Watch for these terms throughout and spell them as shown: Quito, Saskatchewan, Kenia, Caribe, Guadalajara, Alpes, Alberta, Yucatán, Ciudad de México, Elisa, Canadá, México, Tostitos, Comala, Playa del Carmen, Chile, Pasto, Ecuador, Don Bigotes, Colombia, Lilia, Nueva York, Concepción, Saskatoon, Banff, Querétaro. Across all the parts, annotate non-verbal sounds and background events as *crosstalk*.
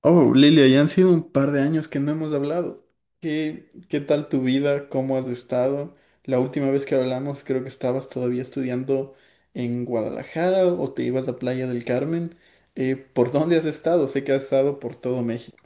Oh, Lilia, ya han sido un par de años que no hemos hablado. ¿Qué tal tu vida? ¿Cómo has estado? La última vez que hablamos creo que estabas todavía estudiando en Guadalajara o te ibas a Playa del Carmen. ¿por dónde has estado? Sé que has estado por todo México.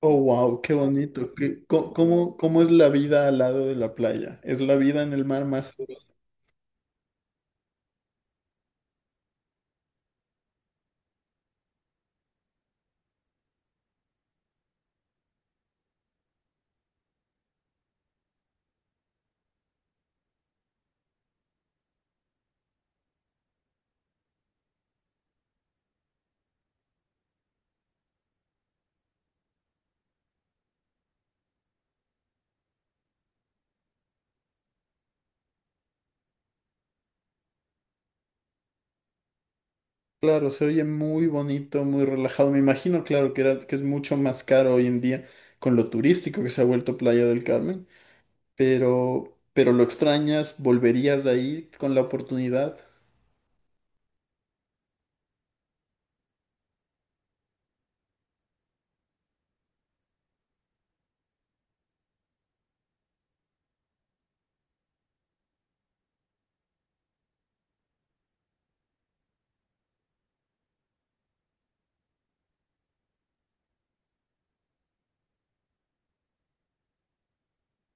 Oh, wow, qué bonito. ¿Cómo es la vida al lado de la playa? ¿Es la vida en el mar más sabrosa? Claro, se oye muy bonito, muy relajado. Me imagino, claro, que es mucho más caro hoy en día con lo turístico que se ha vuelto Playa del Carmen. Pero lo extrañas, volverías de ahí con la oportunidad.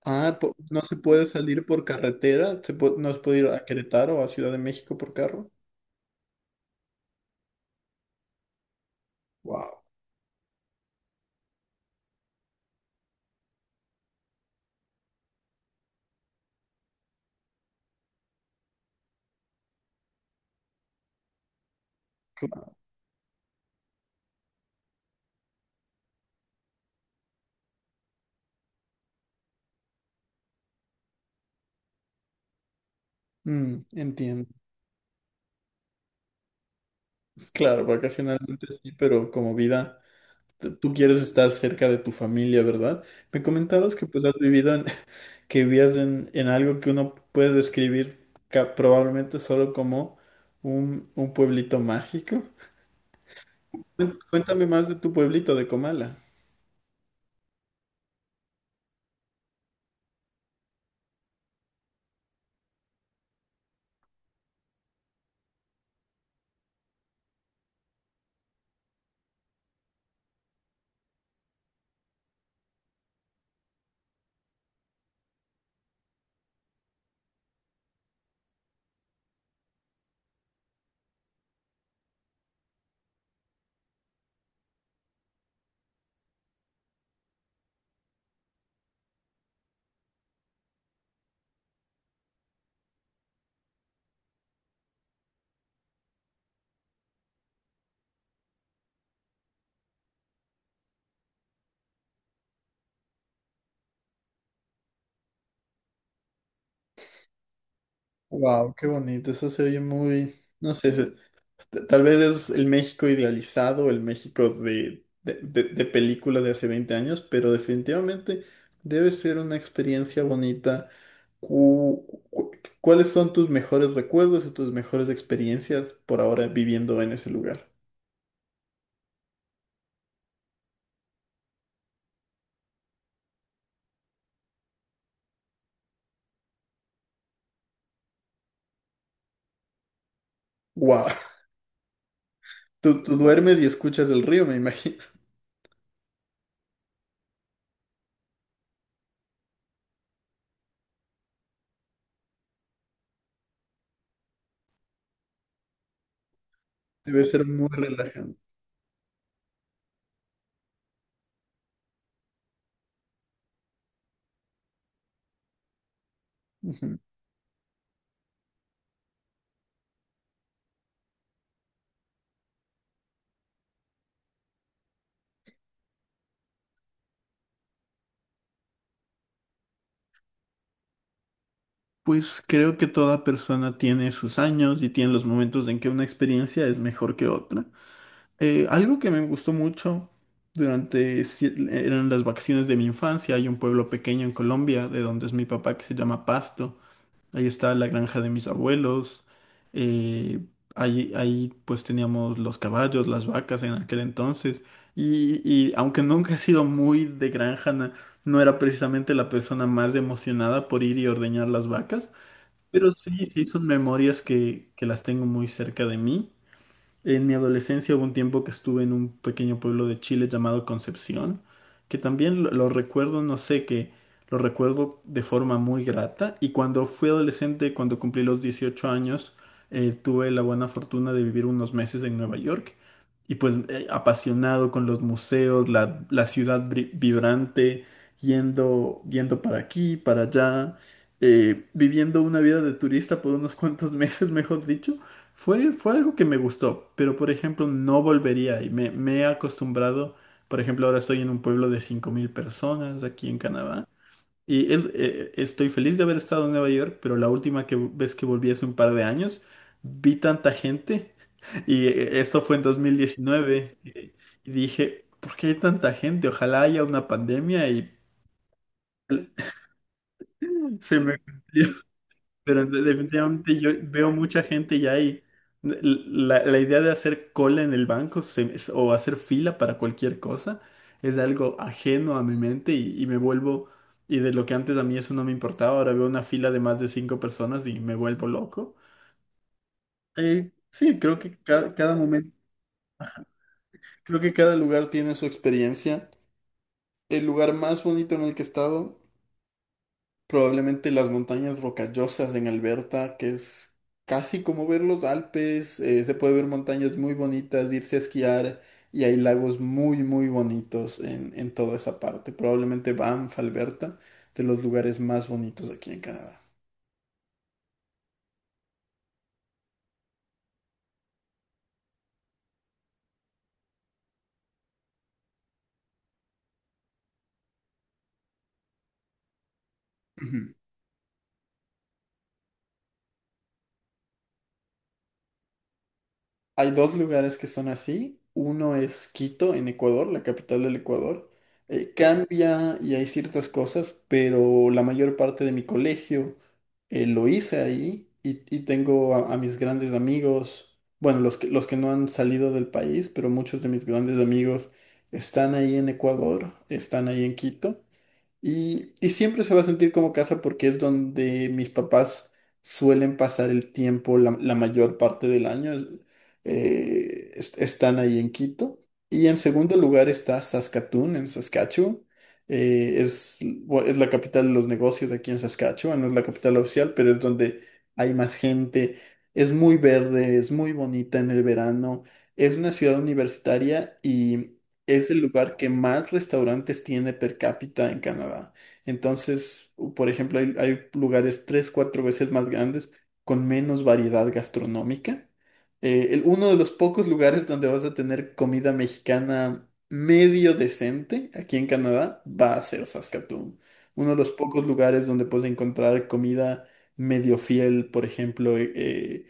Ah, no se puede salir por carretera. ¿ No se puede ir a Querétaro o a Ciudad de México por carro. Wow. Entiendo. Claro, vacacionalmente sí, pero como vida, tú quieres estar cerca de tu familia, ¿verdad? Me comentabas que pues has vivido en- *laughs* que vivías en algo que uno puede describir probablemente solo como un pueblito mágico. Cuéntame más de tu pueblito de Comala. Wow, qué bonito, eso se oye muy, no sé, tal vez es el México idealizado, el México de película de hace 20 años, pero definitivamente debe ser una experiencia bonita. Cu- cu- ¿Cuáles son tus mejores recuerdos y tus mejores experiencias por ahora viviendo en ese lugar? Wow, *laughs* tú duermes y escuchas el río, me imagino. Debe ser muy relajante. Ujú. Pues creo que toda persona tiene sus años y tiene los momentos en que una experiencia es mejor que otra. Algo que me gustó mucho durante eran las vacaciones de mi infancia. Hay un pueblo pequeño en Colombia de donde es mi papá que se llama Pasto. Ahí está la granja de mis abuelos. Eh, ahí pues teníamos los caballos, las vacas en aquel entonces. Y aunque nunca he sido muy de granja, no era precisamente la persona más emocionada por ir y ordeñar las vacas. Pero sí, son memorias que las tengo muy cerca de mí. En mi adolescencia hubo un tiempo que estuve en un pequeño pueblo de Chile llamado Concepción, que también lo recuerdo, no sé, que lo recuerdo de forma muy grata. Y cuando fui adolescente, cuando cumplí los 18 años, tuve la buena fortuna de vivir unos meses en Nueva York. Y pues apasionado con los museos, la ciudad vibrante, yendo para aquí, para allá, viviendo una vida de turista por unos cuantos *laughs* meses, mejor dicho. Fue algo que me gustó, pero por ejemplo no volvería y me he acostumbrado. Por ejemplo ahora estoy en un pueblo de 5000 personas aquí en Canadá y estoy feliz de haber estado en Nueva York, pero la última vez que volví hace un par de años vi tanta gente *laughs* y esto fue en 2019 . Y dije, ¿por qué hay tanta gente? Ojalá haya una pandemia y se me... *laughs* Pero definitivamente yo veo mucha gente ya y la idea de hacer cola en el banco o hacer fila para cualquier cosa es algo ajeno a mi mente y me vuelvo, y de lo que antes a mí eso no me importaba, ahora veo una fila de más de cinco personas y me vuelvo loco. Sí, creo que cada momento, creo que cada lugar tiene su experiencia. El lugar más bonito en el que he estado probablemente las montañas rocallosas en Alberta, que es casi como ver los Alpes. Se puede ver montañas muy bonitas, irse a esquiar y hay lagos muy bonitos en toda esa parte. Probablemente Banff, Alberta, de los lugares más bonitos aquí en Canadá. Ujú. Hay dos lugares que son así. Uno es Quito, en Ecuador, la capital del Ecuador. Cambia y hay ciertas cosas, pero la mayor parte de mi colegio lo hice ahí y tengo a mis grandes amigos, bueno, los que no han salido del país, pero muchos de mis grandes amigos están ahí en Ecuador, están ahí en Quito. Y siempre se va a sentir como casa porque es donde mis papás suelen pasar el tiempo la mayor parte del año. Están ahí en Quito. Y en segundo lugar está Saskatoon, en Saskatchewan. Es la capital de los negocios de aquí en Saskatchewan. No es la capital oficial, pero es donde hay más gente. Es muy verde, es muy bonita en el verano. Es una ciudad universitaria, es el lugar que más restaurantes tiene per cápita en Canadá. Entonces, por ejemplo, hay lugares tres, cuatro veces más grandes con menos variedad gastronómica. Uno de los pocos lugares donde vas a tener comida mexicana medio decente aquí en Canadá va a ser Saskatoon. Uno de los pocos lugares donde puedes encontrar comida medio fiel, por ejemplo, eh,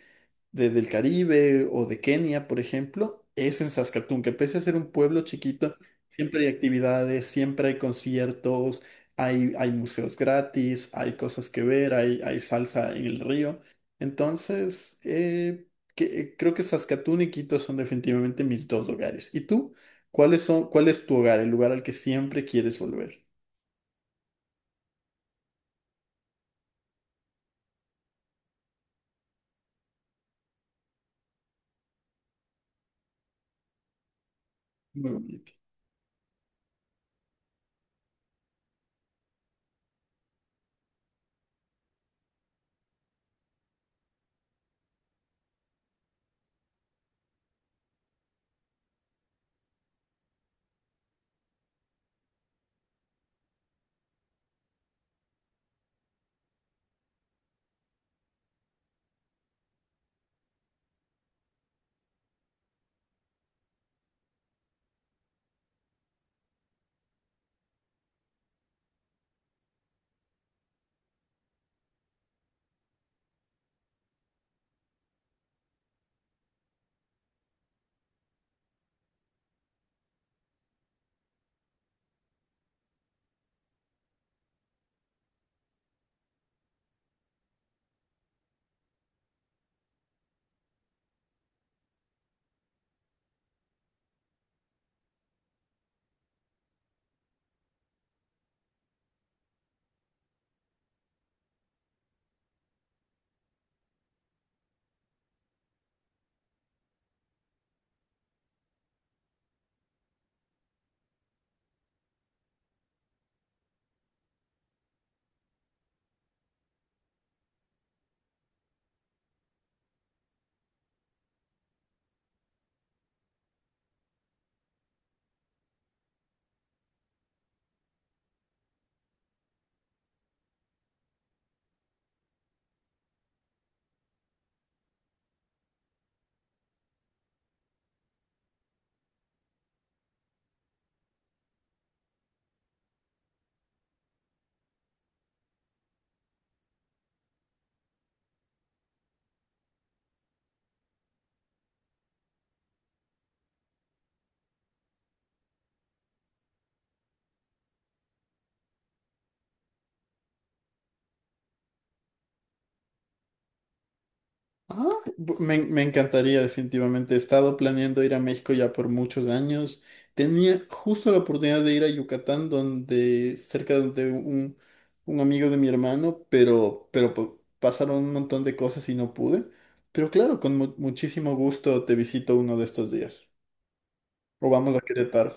de- del Caribe o de Kenia, por ejemplo, es en Saskatoon, que pese a ser un pueblo chiquito, siempre hay actividades, siempre hay conciertos, hay museos gratis, hay cosas que ver, hay salsa en el río. Entonces, creo que Saskatoon y Quito son definitivamente mis dos hogares. ¿Y tú? ¿Cuáles son, cuál es tu hogar, el lugar al que siempre quieres volver? Muy bonito. Ah, me encantaría definitivamente. He estado planeando ir a México ya por muchos años. Tenía justo la oportunidad de ir a Yucatán, donde cerca de un amigo de mi hermano, pero, pero pasaron un montón de cosas y no pude. Pero claro, con muchísimo gusto te visito uno de estos días. O vamos a Querétaro.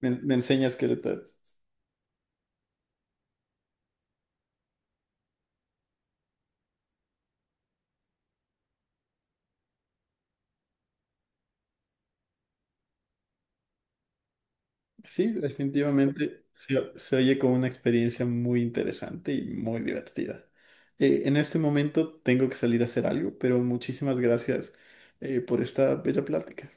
Me enseñas Querétaro. Sí, definitivamente se oye como una experiencia muy interesante y muy divertida. En este momento tengo que salir a hacer algo, pero muchísimas gracias por esta bella plática.